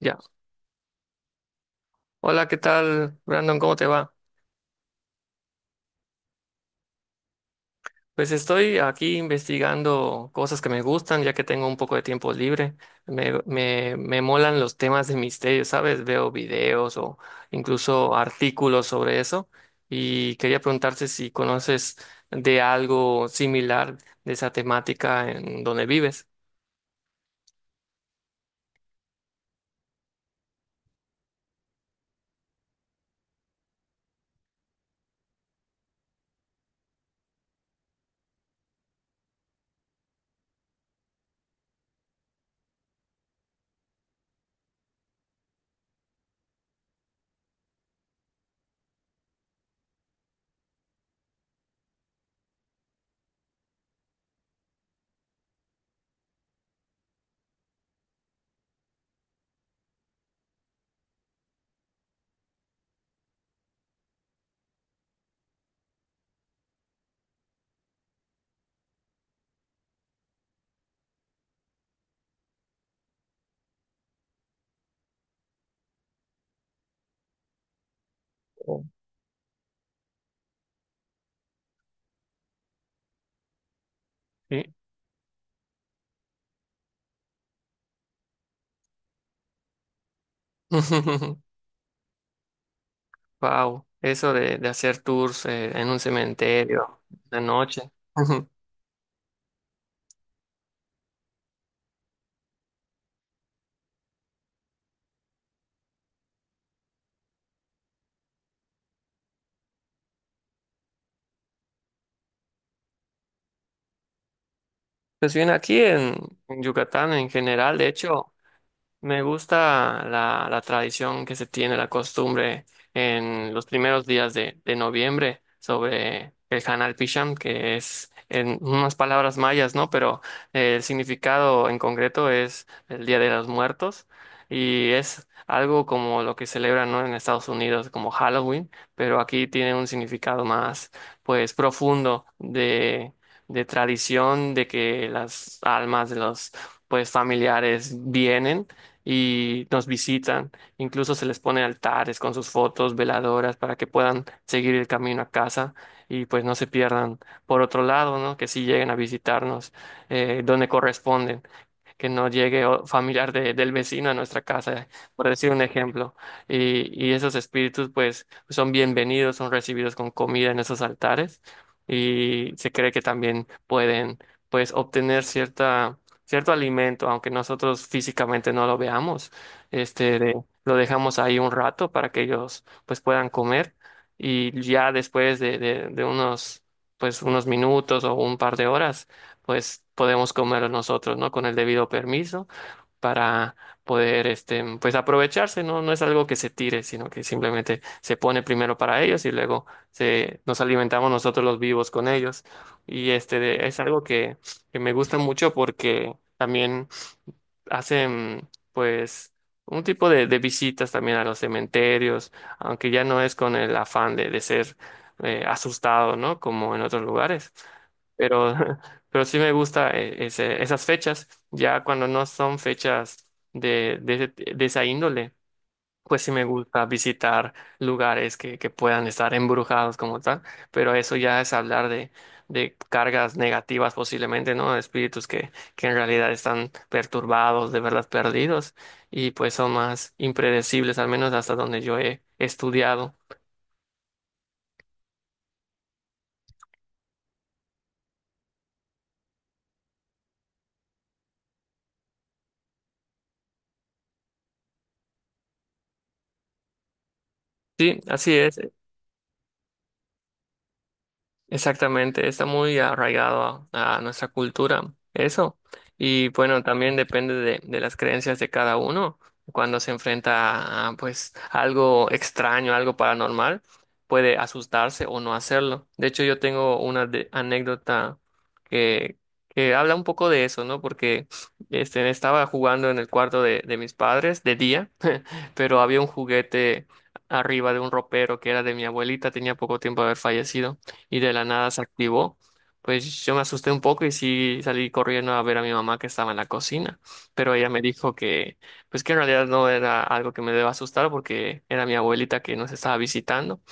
Ya. Hola, ¿qué tal, Brandon? ¿Cómo te va? Pues estoy aquí investigando cosas que me gustan, ya que tengo un poco de tiempo libre. Me molan los temas de misterio, ¿sabes? Veo videos o incluso artículos sobre eso. Y quería preguntarte si conoces de algo similar de esa temática en donde vives. Oh. Sí. Wow, eso de hacer tours en un cementerio de noche. Pues bien, en Yucatán en general, de hecho, me gusta la tradición que se tiene, la costumbre en los primeros días de noviembre sobre el Hanal Pisham, que es en unas palabras mayas, ¿no? Pero el significado en concreto es el Día de los Muertos y es algo como lo que celebran, ¿no? En Estados Unidos como Halloween, pero aquí tiene un significado más, pues, profundo de tradición, de que las almas de los pues familiares vienen y nos visitan. Incluso se les pone altares con sus fotos, veladoras, para que puedan seguir el camino a casa y pues no se pierdan. Por otro lado, ¿no? Que sí lleguen a visitarnos donde corresponden, que no llegue familiar del vecino a nuestra casa, por decir un ejemplo. Y esos espíritus pues son bienvenidos, son recibidos con comida en esos altares y se cree que también pueden pues obtener cierta, cierto alimento, aunque nosotros físicamente no lo veamos. Este, lo dejamos ahí un rato para que ellos pues puedan comer y ya después de unos pues unos minutos o un par de horas pues podemos comerlo nosotros, ¿no? Con el debido permiso para poder, este, pues aprovecharse, ¿no? No es algo que se tire, sino que simplemente se pone primero para ellos y luego se, nos alimentamos nosotros los vivos con ellos. Y este, es algo que me gusta mucho porque también hacen pues un tipo de visitas también a los cementerios, aunque ya no es con el afán de ser asustado, ¿no? Como en otros lugares. Pero, pero sí me gusta esas fechas, ya cuando no son fechas de, de, de esa índole, pues sí me gusta visitar lugares que puedan estar embrujados como tal, pero eso ya es hablar de cargas negativas posiblemente, ¿no? De espíritus que en realidad están perturbados, de verdad perdidos, y pues son más impredecibles, al menos hasta donde yo he estudiado. Sí, así es. Exactamente, está muy arraigado a nuestra cultura, eso. Y bueno, también depende de las creencias de cada uno. Cuando se enfrenta a pues algo extraño, algo paranormal, puede asustarse o no hacerlo. De hecho, yo tengo una anécdota que, que habla un poco de eso, ¿no? Porque este, estaba jugando en el cuarto de mis padres de día, pero había un juguete arriba de un ropero que era de mi abuelita, tenía poco tiempo de haber fallecido y de la nada se activó. Pues yo me asusté un poco y sí salí corriendo a ver a mi mamá que estaba en la cocina, pero ella me dijo que pues que en realidad no era algo que me deba asustar porque era mi abuelita que nos estaba visitando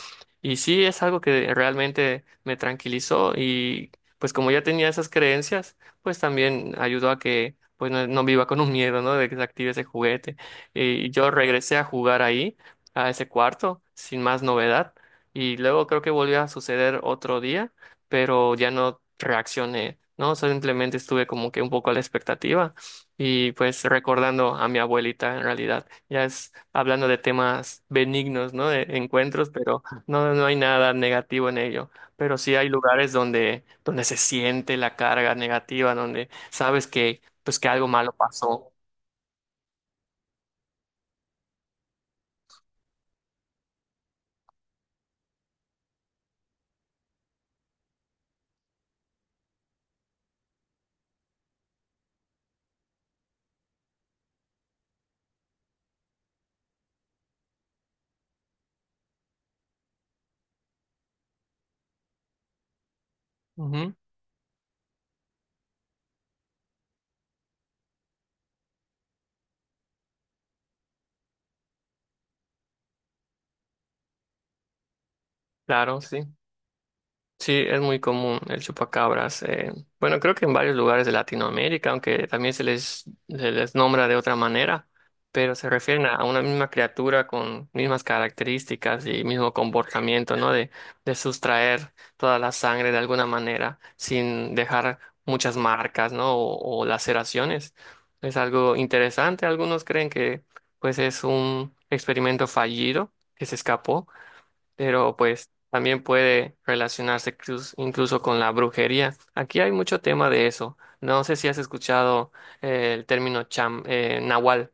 y sí, es algo que realmente me tranquilizó y pues como ya tenía esas creencias, pues también ayudó a que pues no, no viva con un miedo, ¿no? De que se active ese juguete. Y yo regresé a jugar ahí, a ese cuarto, sin más novedad. Y luego creo que volvió a suceder otro día, pero ya no reaccioné, ¿no? Simplemente estuve como que un poco a la expectativa y pues recordando a mi abuelita en realidad. Ya es hablando de temas benignos, ¿no? De encuentros, pero no, no hay nada negativo en ello, pero sí hay lugares donde se siente la carga negativa, donde sabes que, pues, que algo malo pasó. Ujú, claro, sí. Sí, es muy común el chupacabras. Eh, bueno, creo que en varios lugares de Latinoamérica, aunque también se les nombra de otra manera, pero se refieren a una misma criatura con mismas características y mismo comportamiento, ¿no? De sustraer toda la sangre de alguna manera sin dejar muchas marcas, ¿no? O laceraciones. Es algo interesante. Algunos creen que pues es un experimento fallido que se escapó, pero pues también puede relacionarse incluso con la brujería. Aquí hay mucho tema de eso. No sé si has escuchado el término nahual.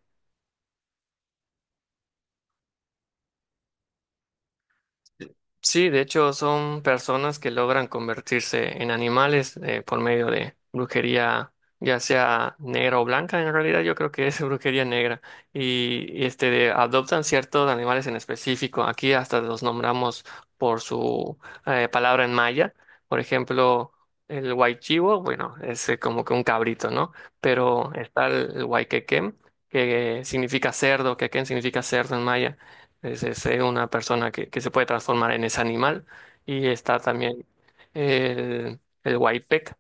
Sí, de hecho son personas que logran convertirse en animales por medio de brujería, ya sea negra o blanca. En realidad yo creo que es brujería negra y este adoptan ciertos animales en específico. Aquí hasta los nombramos por su palabra en maya. Por ejemplo, el huaychivo, bueno, es como que un cabrito, ¿no? Pero está el huayquequén, que significa cerdo, quequén significa cerdo en maya. Es una persona que se puede transformar en ese animal. Y está también el huaypec.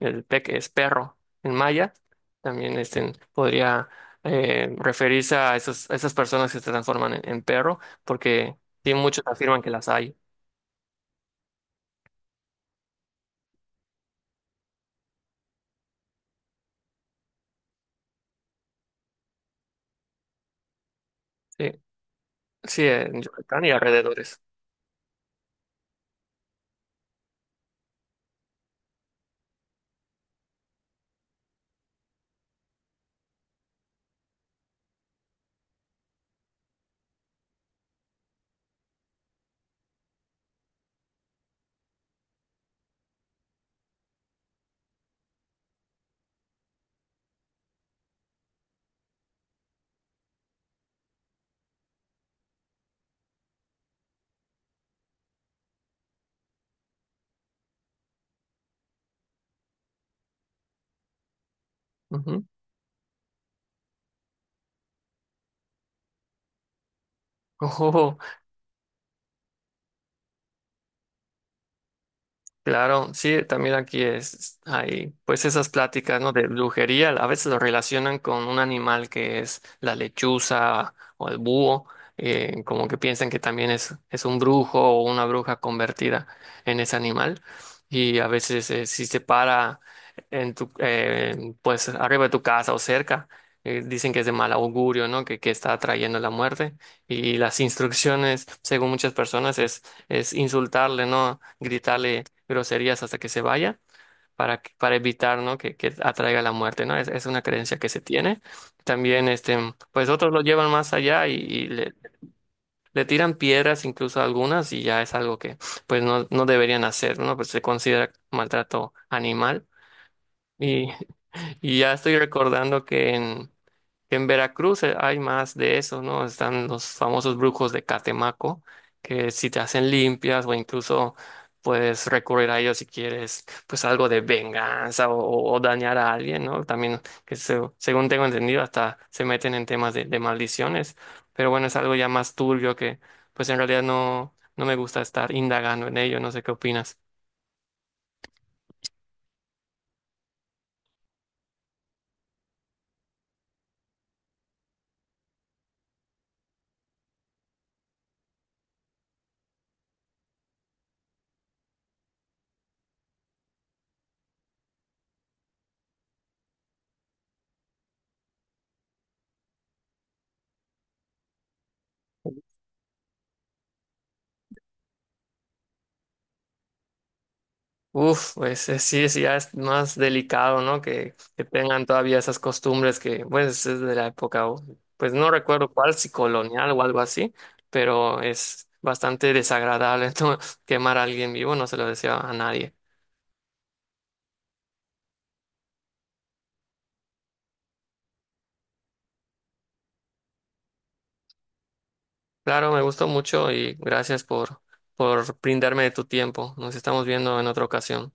El pec es perro en maya. También este, podría referirse a, esos, a esas personas que se transforman en perro, porque sí, muchos afirman que las hay. Sí, sí, en Yucatán y alrededores. Ujú. Claro, sí, también aquí es, hay pues esas pláticas, ¿no? De brujería, a veces lo relacionan con un animal que es la lechuza o el búho, como que piensan que también es un brujo o una bruja convertida en ese animal. Y a veces si se para en tu, pues arriba de tu casa o cerca, dicen que es de mal augurio, ¿no? Que está atrayendo la muerte. Y las instrucciones, según muchas personas, es insultarle, ¿no? Gritarle groserías hasta que se vaya para, para evitar, ¿no? Que atraiga la muerte, ¿no? Es una creencia que se tiene. También, este, pues otros lo llevan más allá y le tiran piedras incluso a algunas y ya es algo que pues no, no deberían hacer, ¿no? Pues se considera maltrato animal. Y, y ya estoy recordando que en Veracruz hay más de eso, ¿no? Están los famosos brujos de Catemaco, que si te hacen limpias o incluso puedes recurrir a ellos si quieres, pues algo de venganza o, o dañar a alguien, ¿no? También, según tengo entendido, hasta se meten en temas de maldiciones, pero bueno, es algo ya más turbio que, pues en realidad no, no me gusta estar indagando en ello, no sé qué opinas. Uf, pues sí, sí, ya es más delicado, ¿no? Que tengan todavía esas costumbres que, pues, es de la época, o- pues no recuerdo cuál, si colonial o algo así, pero es bastante desagradable ¿no? Quemar a alguien vivo, no se lo deseo a nadie. Claro, me gustó mucho y gracias por brindarme de tu tiempo. Nos estamos viendo en otra ocasión.